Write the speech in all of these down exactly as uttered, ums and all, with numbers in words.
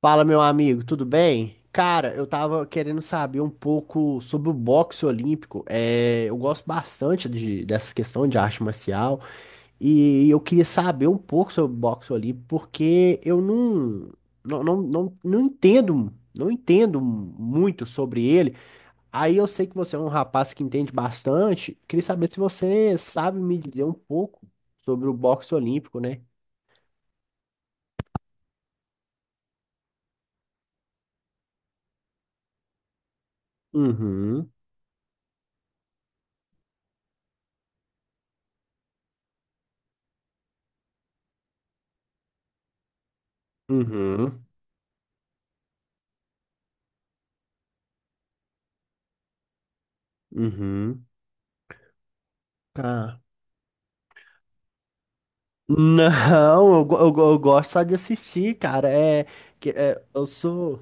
Fala, meu amigo, tudo bem? Cara, eu tava querendo saber um pouco sobre o boxe olímpico. É, eu gosto bastante de, dessa questão de arte marcial e eu queria saber um pouco sobre o boxe olímpico porque eu não, não, não, não, não entendo, não entendo muito sobre ele. Aí eu sei que você é um rapaz que entende bastante. Queria saber se você sabe me dizer um pouco sobre o boxe olímpico, né? Uhum, uhum, uhum. Cara. Não, eu, go- eu, go- eu gosto só de assistir, cara. É, que, é, eu sou.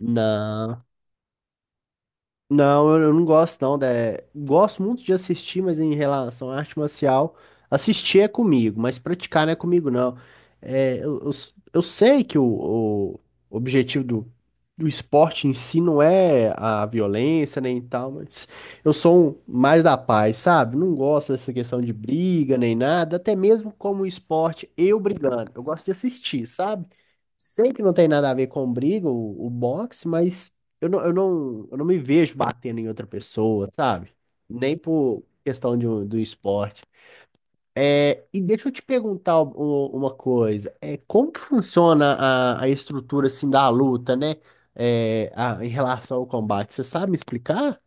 Não. Não, eu eu não gosto não. da- Gosto muito de assistir, mas em relação à arte marcial, assistir é comigo, mas praticar não é comigo não. É, eu, eu, s- eu sei que o, o objetivo do, do esporte em si não é a violência nem tal, mas eu sou um mais da paz, sabe? Não gosto dessa questão de briga nem nada, até mesmo como esporte, eu brigando. Eu gosto de assistir, sabe? Sei que não tem nada a ver com briga, o, o boxe, mas eu não, eu não, eu não me vejo batendo em outra pessoa, sabe? Nem por questão de um- do esporte. É, e deixa eu te perguntar u- u- uma coisa. É, como que funciona a, a estrutura assim da luta, né? É, a- em relação ao combate. Você sabe me explicar?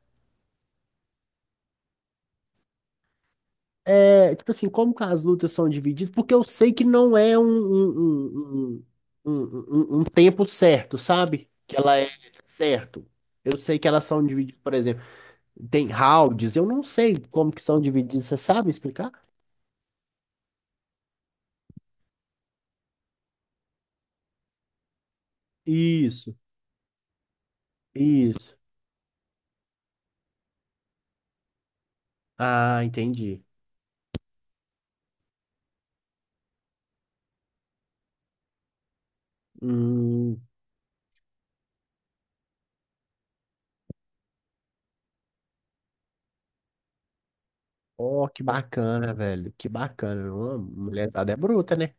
É, tipo assim, como que as lutas são divididas? Porque eu sei que não é um, um, um, um, um, um um um tempo certo, sabe? Que ela é certo. Eu sei que elas são divididas, por exemplo. Tem rounds, eu não sei como que são divididos, você sabe explicar? Isso, isso. Ah, entendi. Hum, oh, que bacana, velho. Que bacana. Uma mulherzada é bruta, né?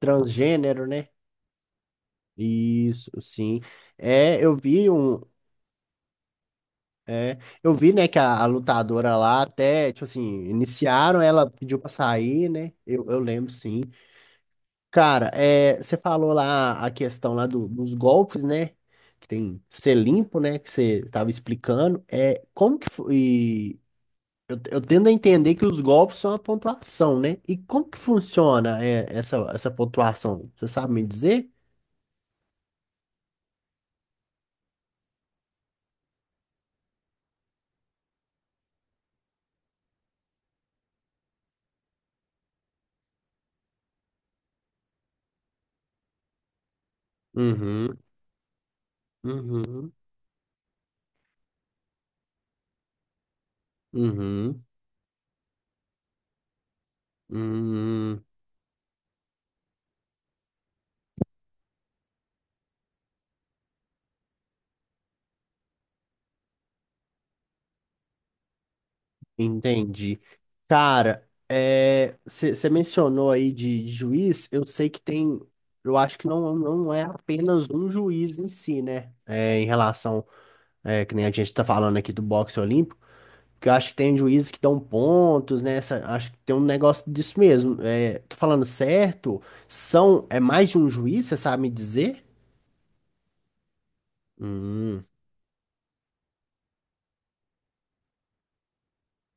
Transgênero, né? Isso, sim. É, eu vi um. É, eu vi, né, que a, a lutadora lá até, tipo assim, iniciaram, ela pediu pra sair, né? Eu, eu lembro, sim. Cara, é, você falou lá a questão lá do- dos golpes, né? Que tem ser limpo, né? Que você estava explicando. É, como que foi? Eu, eu tendo a entender que os golpes são a pontuação, né? E como que funciona é, essa, essa pontuação? Você sabe me dizer? Uhum, uhum, uhum, uhum. Entendi. Cara, você mencionou aí de, de juiz, eu sei que tem, eu acho que não, não é apenas um juiz em si, né? É, em relação, é, que nem a gente tá falando aqui do boxe olímpico, porque eu acho que tem juízes que dão pontos, né? Essa- acho que tem um negócio disso mesmo. É, tô falando certo? São, é mais de um juiz, você sabe me dizer? Hum,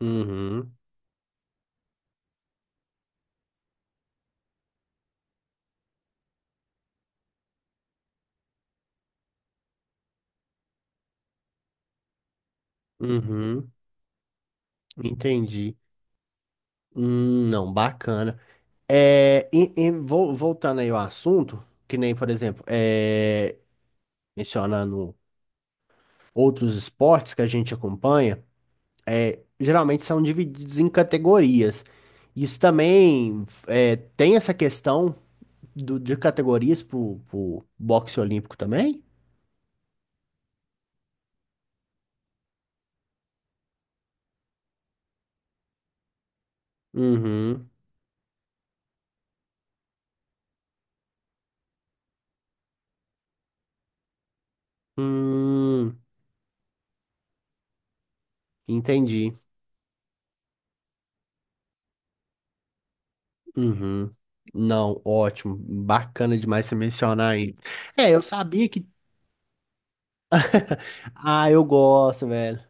uhum, uhum, entendi. Hum, não, bacana. É, em- em- vol- voltando aí ao assunto, que nem, por exemplo, é, mencionando outros esportes que a gente acompanha, é, geralmente são divididos em categorias. Isso também é, tem essa questão do- de categorias para o boxe olímpico também? Uhum. Hum, entendi. Uhum. Não, ótimo. Bacana demais você mencionar aí. É, eu sabia que. Ah, eu gosto, velho.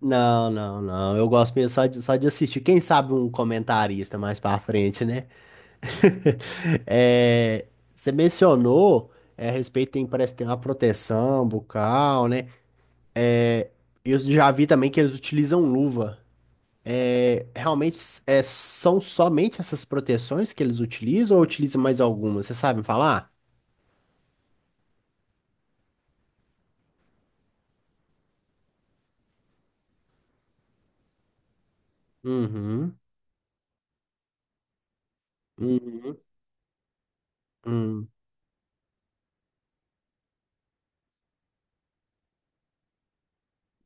Não, não, não. Eu gosto mesmo só de, só de assistir. Quem sabe um comentarista mais pra frente, né? É, você mencionou é, a respeito, tem, parece que tem uma proteção bucal, né? Eu já vi também que eles utilizam luva. É, realmente é, são somente essas proteções que eles utilizam ou utilizam mais algumas? Você sabe me falar? Uhum, uhum, uhum,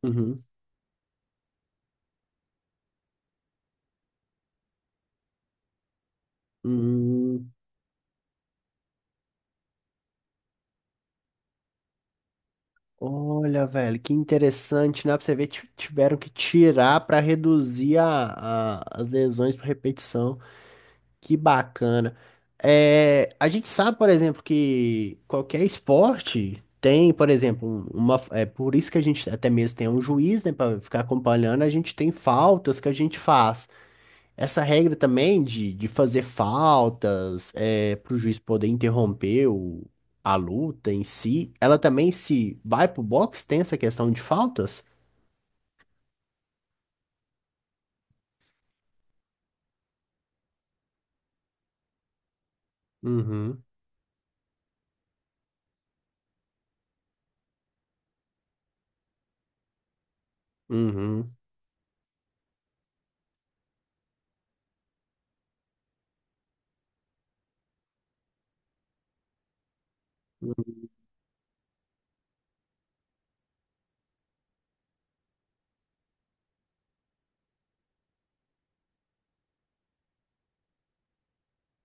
uhum, uhum. Olha, velho, que interessante, né? Pra você ver, ti- tiveram que tirar pra reduzir a, a- as lesões por repetição. Que bacana. É, a gente sabe, por exemplo, que qualquer esporte tem, por exemplo, um- uma, é por isso que a gente até mesmo tem um juiz, né, pra ficar acompanhando, a gente tem faltas que a gente faz. Essa regra também de, de fazer faltas, é, para o juiz poder interromper o- a luta em si, ela também se vai pro box, tem essa questão de faltas? Uhum, uhum.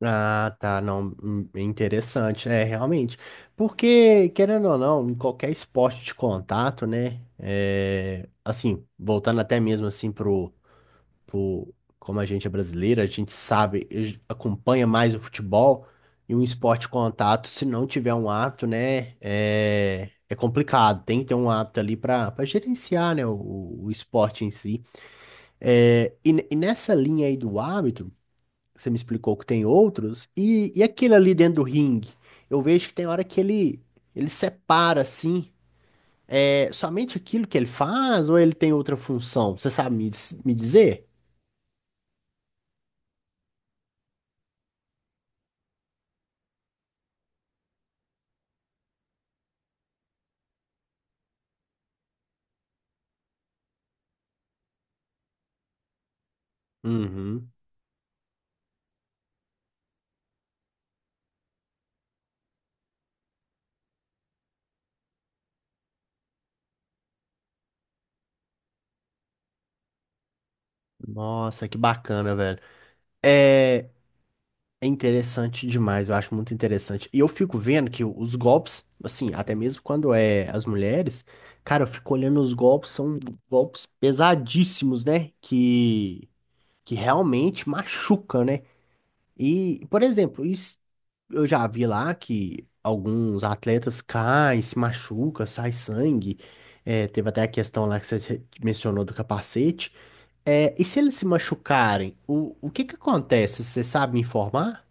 Ah, tá, não, hum, interessante, é, realmente, porque, querendo ou não, em qualquer esporte de contato, né, é, assim, voltando até mesmo, assim, tipo, como a gente é brasileira, a gente sabe, a gente acompanha mais o futebol e um esporte de contato, se não tiver um árbitro, né, é, é complicado. Tem que ter um árbitro ali para para gerenciar, né, o, o esporte em si. É, e, ne- e nessa linha aí do árbitro, você me explicou que tem outros, e, e aquele ali dentro do ringue? Eu vejo que tem hora que ele. Ele separa assim, é somente aquilo que ele faz ou ele tem outra função? Você sabe me, dis- me dizer? Uhum. Nossa, que bacana, velho. É, é interessante demais, eu acho muito interessante. E eu fico vendo que os golpes, assim, até mesmo quando é as mulheres, cara, eu fico olhando os golpes, são golpes pesadíssimos, né? Que, que realmente machucam, né? E, por exemplo, isso, eu já vi lá que alguns atletas caem, se machucam, sai sangue. É, teve até a questão lá que você mencionou do capacete. É, e se eles se machucarem, o, o que que acontece? Você sabe me informar?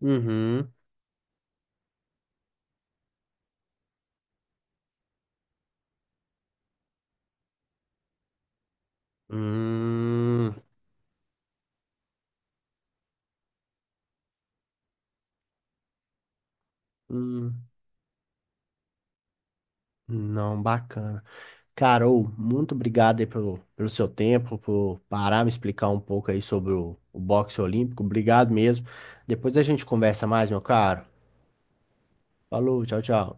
Uhum. Hum, hum. Não, bacana. Carol, muito obrigado aí pelo, pelo seu tempo, por parar me explicar um pouco aí sobre o, o boxe olímpico. Obrigado mesmo. Depois a gente conversa mais, meu caro. Falou, tchau, tchau.